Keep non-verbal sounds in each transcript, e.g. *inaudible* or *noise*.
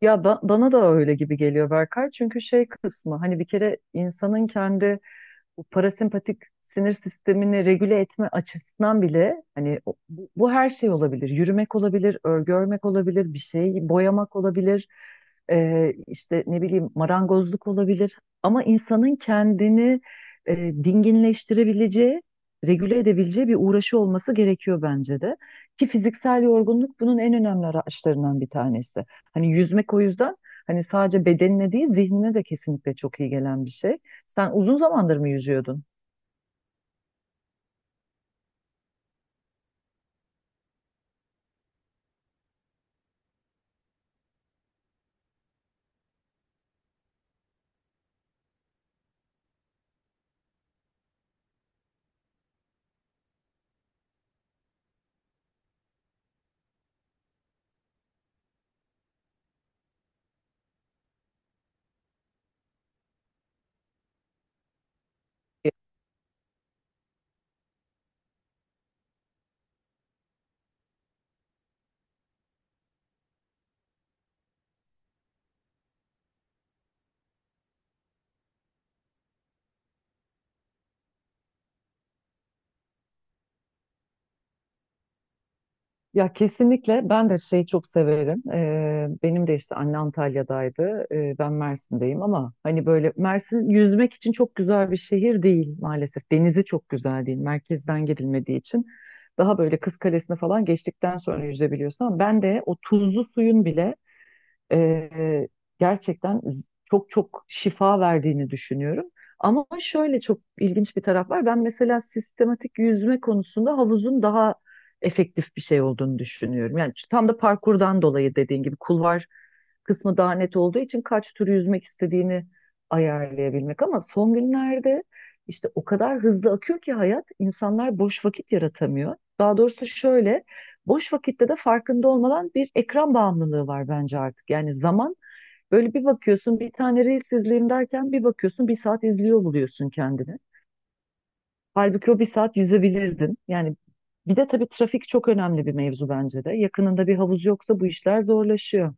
Bana da öyle gibi geliyor Berkay. Çünkü şey kısmı hani bir kere insanın kendi bu parasempatik sinir sistemini regüle etme açısından bile hani bu her şey olabilir. Yürümek olabilir, örgü örmek olabilir, bir şeyi boyamak olabilir. İşte ne bileyim marangozluk olabilir. Ama insanın kendini e, dinginleştirebileceği, regüle edebileceği bir uğraşı olması gerekiyor bence de. Ki fiziksel yorgunluk bunun en önemli araçlarından bir tanesi. Hani yüzmek o yüzden hani sadece bedenine değil zihnine de kesinlikle çok iyi gelen bir şey. Sen uzun zamandır mı yüzüyordun? Ya kesinlikle ben de şeyi çok severim. Benim de işte anne Antalya'daydı. Ben Mersin'deyim ama hani böyle Mersin yüzmek için çok güzel bir şehir değil maalesef. Denizi çok güzel değil. Merkezden girilmediği için daha böyle Kız Kalesi'ne falan geçtikten sonra yüzebiliyorsun ama ben de o tuzlu suyun bile e, gerçekten çok çok şifa verdiğini düşünüyorum. Ama şöyle çok ilginç bir taraf var. Ben mesela sistematik yüzme konusunda havuzun daha efektif bir şey olduğunu düşünüyorum. Yani tam da parkurdan dolayı dediğin gibi kulvar kısmı daha net olduğu için kaç tur yüzmek istediğini ayarlayabilmek. Ama son günlerde işte o kadar hızlı akıyor ki hayat insanlar boş vakit yaratamıyor. Daha doğrusu şöyle, boş vakitte de farkında olmadan bir ekran bağımlılığı var bence artık. Yani zaman böyle bir bakıyorsun bir tane Reels izleyeyim derken bir bakıyorsun bir saat izliyor buluyorsun kendini. Halbuki o bir saat yüzebilirdin. Yani bir de tabii trafik çok önemli bir mevzu bence de. Yakınında bir havuz yoksa bu işler zorlaşıyor.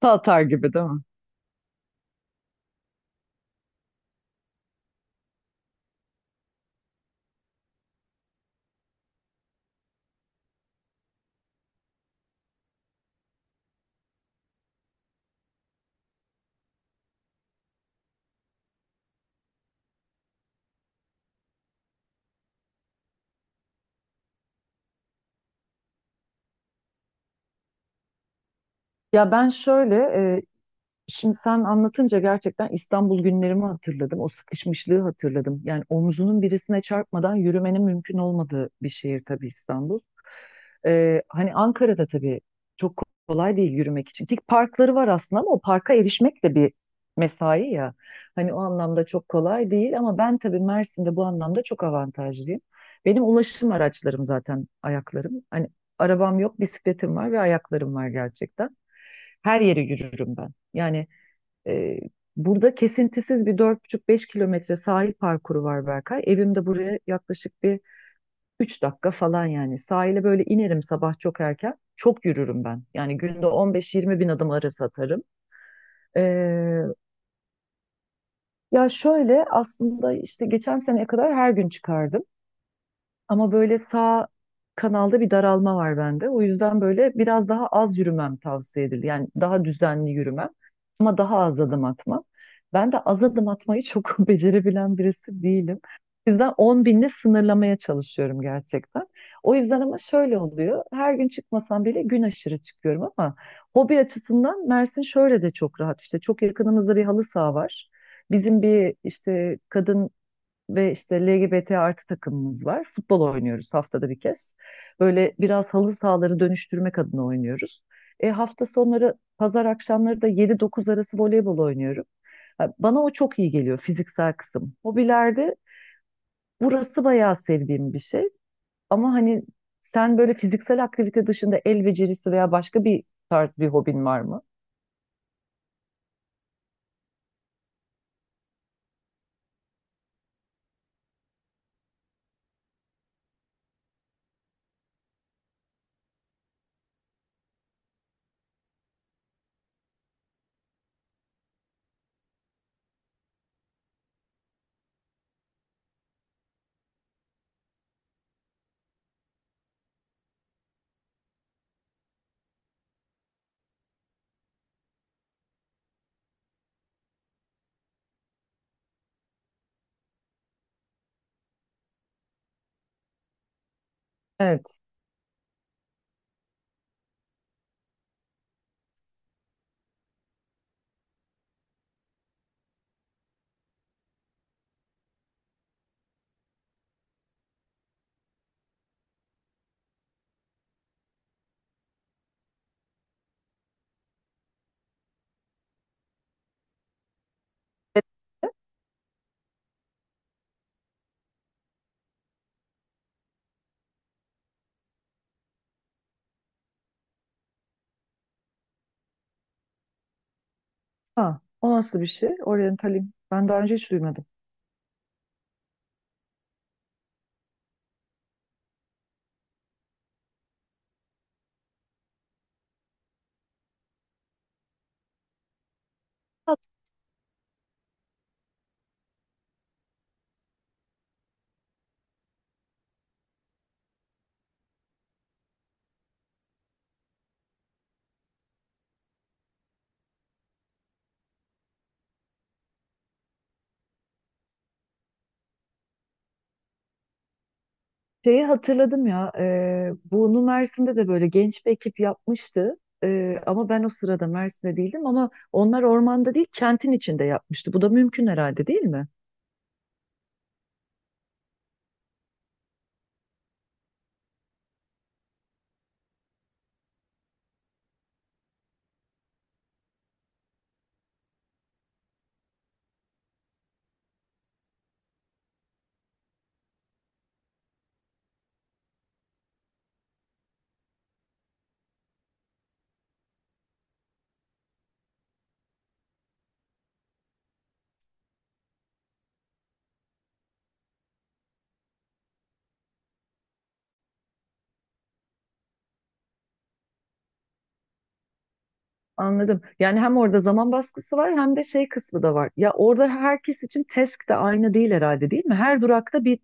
Tatar gibi değil mi? Ya ben şöyle, şimdi sen anlatınca gerçekten İstanbul günlerimi hatırladım. O sıkışmışlığı hatırladım. Yani omzunun birisine çarpmadan yürümenin mümkün olmadığı bir şehir tabii İstanbul. Hani Ankara'da tabii çok kolay değil yürümek için. Ki parkları var aslında ama o parka erişmek de bir mesai ya. Hani o anlamda çok kolay değil ama ben tabii Mersin'de bu anlamda çok avantajlıyım. Benim ulaşım araçlarım zaten ayaklarım. Hani arabam yok, bisikletim var ve ayaklarım var gerçekten. Her yere yürürüm ben. Yani e, burada kesintisiz bir 4,5-5 kilometre sahil parkuru var Berkay. Evim de buraya yaklaşık bir 3 dakika falan yani. Sahile böyle inerim sabah çok erken. Çok yürürüm ben. Yani günde 15-20 bin adım arası atarım. Ee, ya şöyle aslında işte geçen seneye kadar her gün çıkardım. Ama böyle sağ kanalda bir daralma var bende. O yüzden böyle biraz daha az yürümem tavsiye edildi. Yani daha düzenli yürümem ama daha az adım atmam. Ben de az adım atmayı çok *laughs* becerebilen birisi değilim. O yüzden 10 binle sınırlamaya çalışıyorum gerçekten. O yüzden ama şöyle oluyor. Her gün çıkmasam bile gün aşırı çıkıyorum ama hobi açısından Mersin şöyle de çok rahat. İşte çok yakınımızda bir halı saha var. Bizim bir işte kadın ve işte LGBT artı takımımız var. Futbol oynuyoruz haftada bir kez. Böyle biraz halı sahaları dönüştürmek adına oynuyoruz. Hafta sonları pazar akşamları da 7-9 arası voleybol oynuyorum. Ha, bana o çok iyi geliyor fiziksel kısım. Hobilerde burası bayağı sevdiğim bir şey. Ama hani sen böyle fiziksel aktivite dışında el becerisi veya başka bir tarz bir hobin var mı? Evet. Ha, o nasıl bir şey? Oryantalin. Ben daha önce hiç duymadım. Ha, şeyi hatırladım ya. Bunu Mersin'de de böyle genç bir ekip yapmıştı. Ama ben o sırada Mersin'de değildim ama onlar ormanda değil kentin içinde yapmıştı. Bu da mümkün herhalde değil mi? Anladım. Yani hem orada zaman baskısı var hem de şey kısmı da var. Ya orada herkes için task de aynı değil herhalde değil mi? Her durakta bir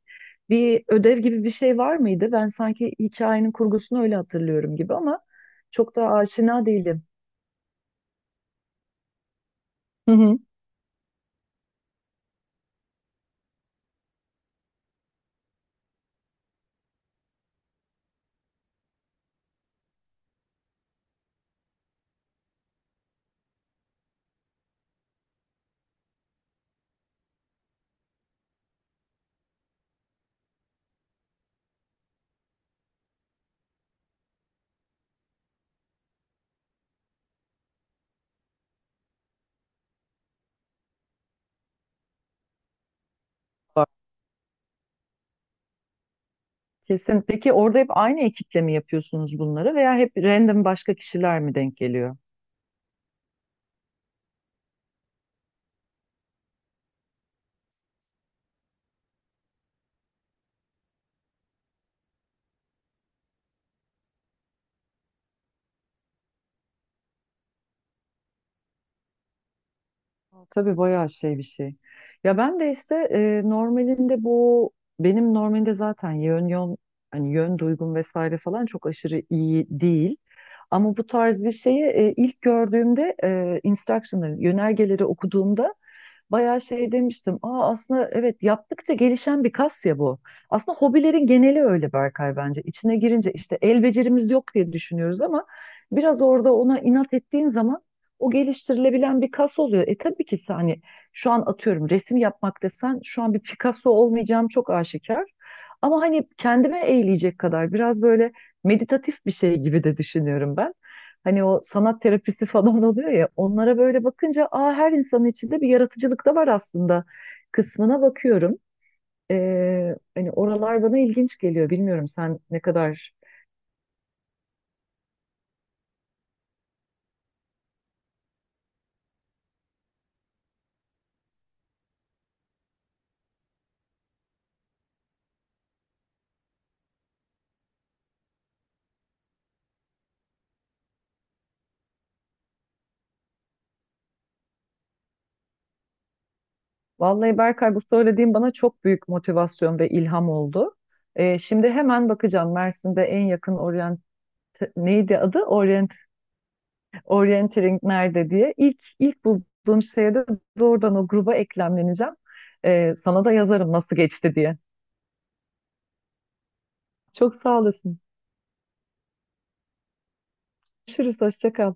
bir ödev gibi bir şey var mıydı? Ben sanki hikayenin kurgusunu öyle hatırlıyorum gibi ama çok da aşina değilim. Hı hı. Kesin. Peki orada hep aynı ekiple mi yapıyorsunuz bunları veya hep random başka kişiler mi denk geliyor? Aa, tabii bayağı şey bir şey. Ya ben de işte normalinde bu benim normalinde zaten yön yön hani yön duygum vesaire falan çok aşırı iyi değil. Ama bu tarz bir şeyi ilk gördüğümde instruction'ları, yönergeleri okuduğumda bayağı şey demiştim. Aa, aslında evet yaptıkça gelişen bir kas ya bu. Aslında hobilerin geneli öyle Berkay bence. İçine girince işte el becerimiz yok diye düşünüyoruz ama biraz orada ona inat ettiğin zaman o geliştirilebilen bir kas oluyor. Tabii ki sen hani şu an atıyorum resim yapmak desen şu an bir Picasso olmayacağım çok aşikar. Ama hani kendime eğleyecek kadar biraz böyle meditatif bir şey gibi de düşünüyorum ben. Hani o sanat terapisi falan oluyor ya onlara böyle bakınca, aa, her insanın içinde bir yaratıcılık da var aslında kısmına bakıyorum. Hani oralar bana ilginç geliyor. Bilmiyorum sen ne kadar. Vallahi Berkay bu söylediğin bana çok büyük motivasyon ve ilham oldu. Şimdi hemen bakacağım Mersin'de en yakın orient neydi adı? Orienteering nerede diye. İlk bulduğum şeye de doğrudan o gruba eklemleneceğim. Sana da yazarım nasıl geçti diye. Çok sağ olasın. Görüşürüz. Hoşça kal.